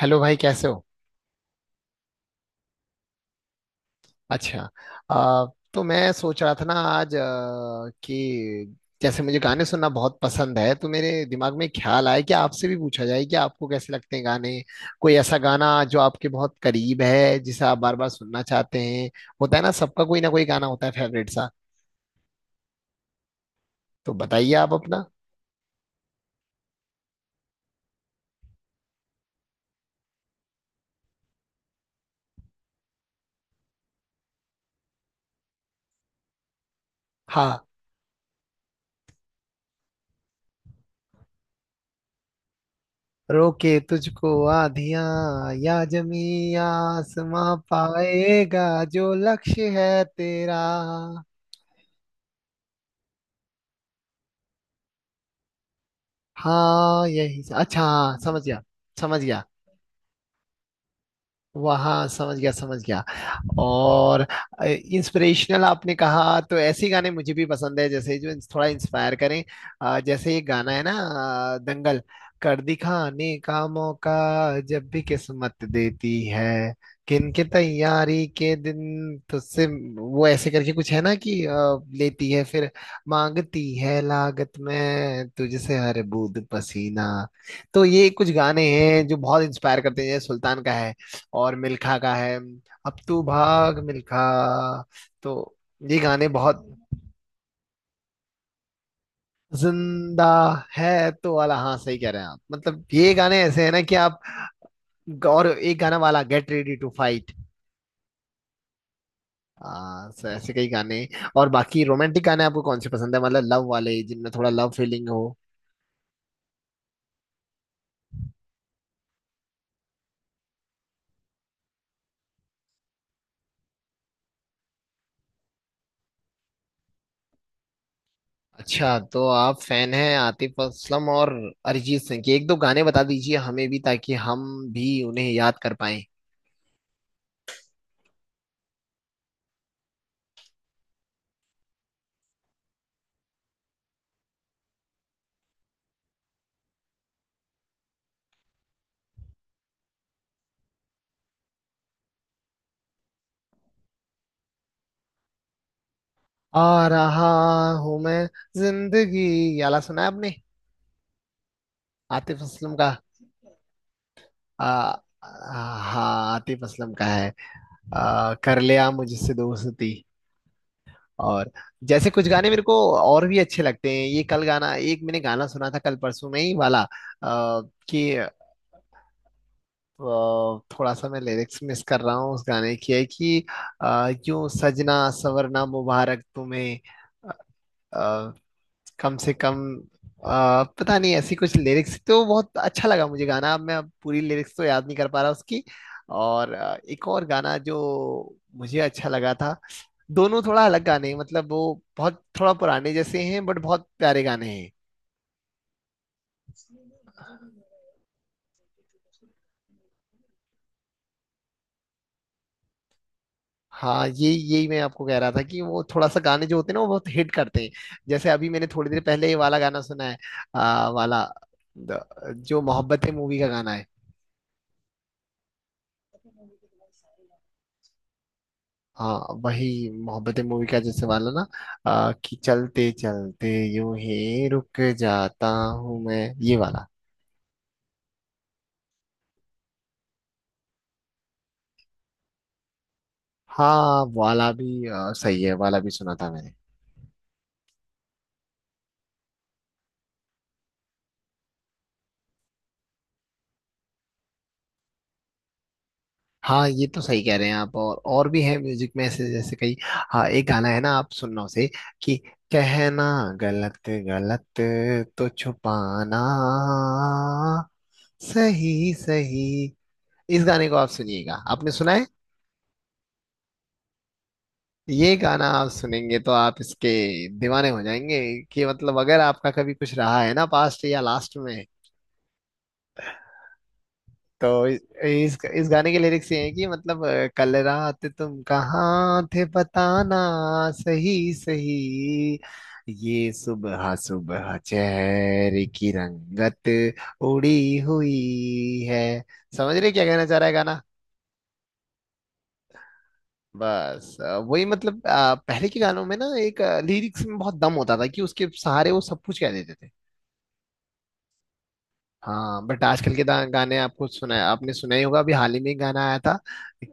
Hello भाई, कैसे हो। अच्छा। अ, तो मैं सोच रहा था ना आज कि जैसे मुझे गाने सुनना बहुत पसंद है, तो मेरे दिमाग में ख्याल आया कि आपसे भी पूछा जाए कि आपको कैसे लगते हैं गाने। कोई ऐसा गाना जो आपके बहुत करीब है, जिसे आप बार बार सुनना चाहते हैं। होता है ना, सबका कोई ना कोई गाना होता है फेवरेट सा। तो बताइए आप अपना। हाँ। रोके तुझको आधियां, या जमी आसमां पाएगा जो लक्ष्य है तेरा। हाँ, यही अच्छा। हाँ, समझ गया, समझ गया। वहाँ, समझ गया, समझ गया। और, इंस्पिरेशनल आपने कहा, तो ऐसे गाने मुझे भी पसंद है, जैसे जो थोड़ा इंस्पायर करें। जैसे ये गाना है ना, दंगल। कर दिखाने का मौका जब भी किस्मत देती है, किनके तैयारी के दिन तुझसे। वो ऐसे करके कुछ है ना कि लेती है फिर, मांगती है लागत में तुझसे हर बूंद पसीना। तो ये कुछ गाने हैं जो बहुत इंस्पायर करते हैं, जैसे सुल्तान का है, और मिल्खा का है। अब तू भाग मिल्खा। तो ये गाने बहुत। जिंदा है तो वाला, हाँ सही कह रहे हैं आप, मतलब ये गाने ऐसे हैं ना कि आप। और एक गाना वाला, get ready to fight. So ऐसे कई गाने। और बाकी रोमांटिक गाने आपको कौन से पसंद है? मतलब लव वाले, जिनमें थोड़ा लव फीलिंग हो। अच्छा, तो आप फैन हैं आतिफ असलम और अरिजीत सिंह के। एक दो गाने बता दीजिए हमें भी, ताकि हम भी उन्हें याद कर पाए। आ रहा हूं मैं, जिंदगी, ये वाला सुना है आपने? आतिफ असलम का। आ, आ, हाँ, आतिफ असलम का है। कर लिया मुझसे दोस्ती। और जैसे कुछ गाने मेरे को और भी अच्छे लगते हैं, ये कल गाना एक मैंने गाना सुना था कल परसों में ही वाला, कि थोड़ा सा मैं लिरिक्स मिस कर रहा हूँ उस गाने की, है कि यूं सजना सवरना मुबारक तुम्हें, कम से कम, पता नहीं, ऐसी कुछ लिरिक्स, तो बहुत अच्छा लगा मुझे गाना। अब मैं अब पूरी लिरिक्स तो याद नहीं कर पा रहा उसकी। और एक और गाना जो मुझे अच्छा लगा था। दोनों थोड़ा अलग गाने हैं, मतलब वो बहुत थोड़ा पुराने जैसे हैं, बट बहुत प्यारे गाने हैं। हाँ, ये यही मैं आपको कह रहा था कि वो थोड़ा सा गाने जो होते हैं ना, वो बहुत हिट करते हैं। जैसे अभी मैंने थोड़ी देर पहले ये वाला गाना सुना है, वाला, द- जो मोहब्बतें मूवी का गाना है। हाँ, वही मोहब्बतें मूवी का, जैसे वाला ना कि चलते चलते यूं ही रुक जाता हूँ मैं, ये वाला। हाँ वाला भी सही है, वाला भी सुना था मैंने। हाँ, ये तो सही कह रहे हैं आप। और भी है म्यूजिक में ऐसे, जैसे कई। हाँ, एक गाना है ना, आप सुनना उसे, कि कहना गलत गलत तो छुपाना सही सही। इस गाने को आप सुनिएगा। आपने सुना है? ये गाना आप सुनेंगे तो आप इसके दीवाने हो जाएंगे। कि मतलब अगर आपका कभी कुछ रहा है ना पास्ट या लास्ट में, तो इस गाने के लिरिक्स ये हैं कि मतलब कल रात तुम कहाँ थे, बताना सही सही। ये सुबह सुबह चेहरे की रंगत उड़ी हुई है। समझ रहे क्या कहना चाह रहा है गाना? बस वही, मतलब पहले के गानों में ना एक लिरिक्स में बहुत दम होता था कि उसके सहारे वो सब कुछ कह देते थे। हाँ, बट आजकल के गाने, आपको सुना, आपने सुना ही होगा, अभी हाल ही में एक गाना आया था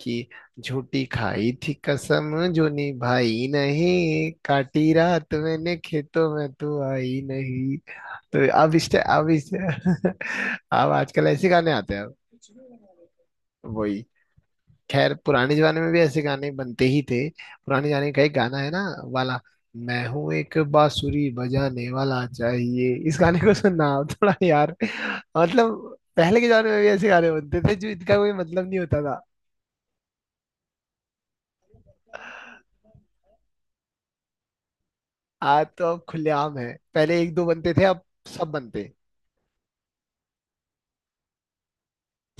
कि झूठी खाई थी कसम जो निभाई नहीं, काटी रात मैंने खेतों में तू आई नहीं। तो अब इस अब आजकल ऐसे गाने आते हैं अब। वही। खैर, पुराने जमाने में भी ऐसे गाने बनते ही थे। पुराने जमाने का एक गाना है ना, वाला, मैं हूं एक बांसुरी बजाने वाला। चाहिए इस गाने को सुनना आप थोड़ा यार। मतलब पहले के जमाने में भी ऐसे गाने बनते थे, जो इनका कोई मतलब नहीं होता था। आज तो अब खुलेआम है, पहले एक दो बनते थे, अब सब बनते हैं।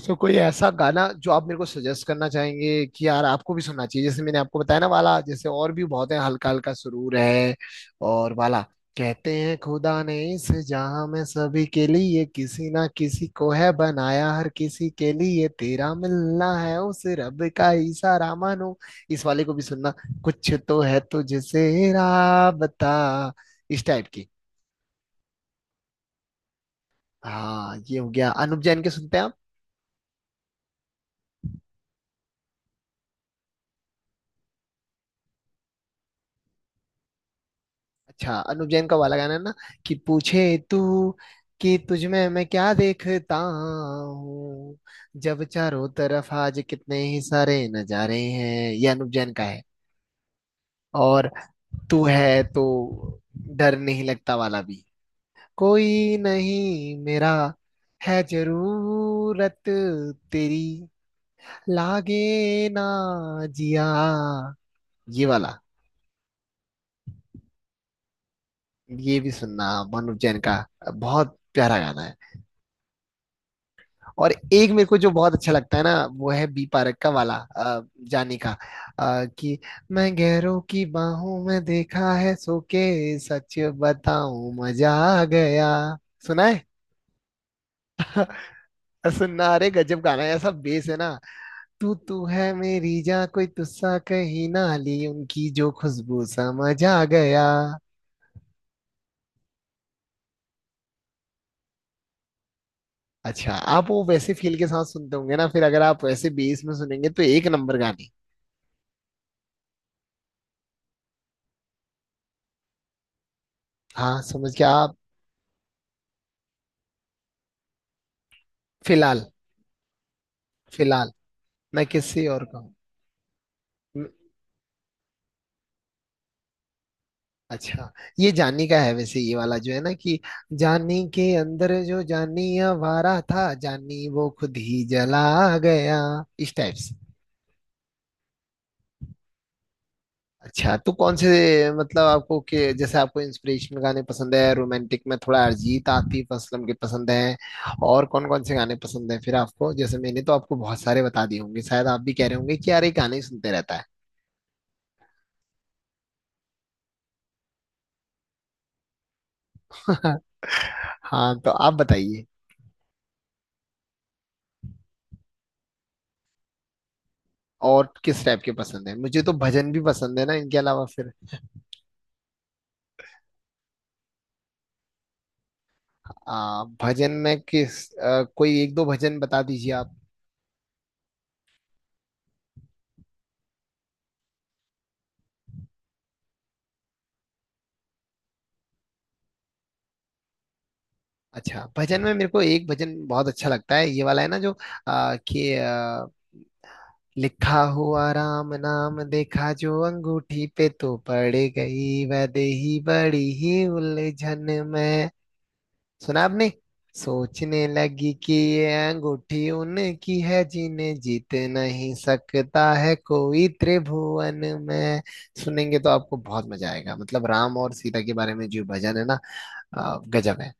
तो कोई ऐसा गाना जो आप मेरे को सजेस्ट करना चाहेंगे कि यार आपको भी सुनना चाहिए, जैसे मैंने आपको बताया ना वाला, जैसे और भी बहुत है, हल्का हल्का सुरूर है। और वाला, कहते हैं खुदा ने इस जहां में सभी के लिए किसी ना किसी को है बनाया, हर किसी के लिए तेरा मिलना है उस रब का इशारा मानो। इस वाले को भी सुनना, कुछ तो है तुझसे राबता, इस टाइप की। हाँ, ये हो गया, अनुप जैन के सुनते हैं। अच्छा, अनुप जैन का वाला गाना है ना, कि पूछे तू कि तुझ में मैं क्या देखता हूँ, जब चारों तरफ आज कितने ही सारे नजारे हैं। ये अनुप जैन का है। और, तू है तो डर नहीं लगता वाला भी, कोई नहीं मेरा, है जरूरत तेरी, लागे ना जिया, ये वाला। ये भी सुनना, अनुप जैन का, बहुत प्यारा गाना है। और एक मेरे को जो बहुत अच्छा लगता है ना, वो है बी पारक का वाला जाने का, कि मैं गैरों की बाहों में देखा है सो के। सच बताऊं, मजा आ गया। सुना है? और सुनना, अरे गजब गाना है, ऐसा बेस है ना। तू तू है मेरी जान, कोई तुस्सा कहीं ना, ली उनकी जो खुशबू, समझ आ गया। अच्छा, आप वो वैसे फील के साथ सुनते होंगे ना, फिर अगर आप वैसे बेस में सुनेंगे तो एक नंबर गाने। हाँ, समझ के आप। फिलहाल, फिलहाल मैं किसी और का हूँ। हम्म, अच्छा, ये जानी का है वैसे, ये वाला जो है ना कि जानी के अंदर जो जानी आवारा था, जानी वो खुद ही जला गया, इस टाइप से। अच्छा, तो कौन से, मतलब आपको, के जैसे आपको इंस्पिरेशनल गाने पसंद है, रोमांटिक में थोड़ा अरिजीत आतिफ असलम के पसंद है, और कौन कौन से गाने पसंद है फिर आपको? जैसे मैंने तो आपको बहुत सारे बता दिए होंगे, शायद आप भी कह रहे होंगे कि यार ये गाने ही सुनते रहता है। हाँ, तो आप बताइए। और किस टाइप के पसंद है? मुझे तो भजन भी पसंद है ना इनके अलावा फिर। भजन में किस, कोई एक दो भजन बता दीजिए आप। अच्छा, भजन में मेरे को एक भजन बहुत अच्छा लगता है, ये वाला है ना जो कि लिखा हुआ राम नाम, देखा जो अंगूठी पे तो पड़ गई वैदेही बड़ी ही उलझन में। सुना आपने? सोचने लगी कि ये अंगूठी उनकी है, जिन्हें जीत नहीं सकता है कोई त्रिभुवन में। सुनेंगे तो आपको बहुत मजा आएगा, मतलब राम और सीता के बारे में जो भजन है ना, गजब है।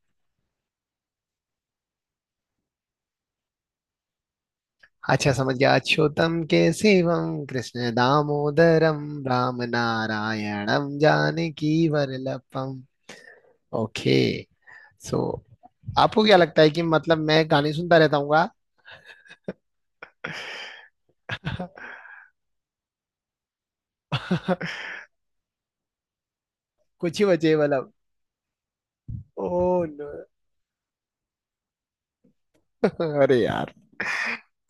अच्छा, समझ गया। अच्युतम केशवम कृष्ण दामोदरम, राम नारायणम जानकी वरलपम। ओके। सो, आपको क्या लगता है कि मतलब मैं गाने सुनता रहता हूँ, हाँ? कुछ ही बचे मतलब। ओ नो, अरे यार,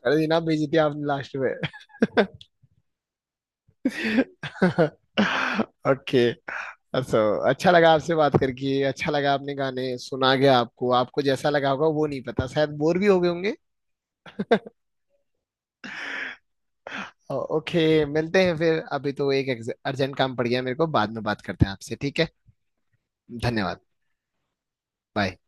अरे ये ना भेजी थी आपने लास्ट में। ओके। सो, अच्छा लगा आपसे बात करके, अच्छा लगा आपने गाने सुना, गया आपको आपको जैसा लगा होगा वो नहीं पता, शायद बोर भी हो गए होंगे। ओके, मिलते हैं फिर। अभी तो एक अर्जेंट काम पड़ गया मेरे को, बाद में बात करते हैं आपसे, ठीक है। धन्यवाद। बाय।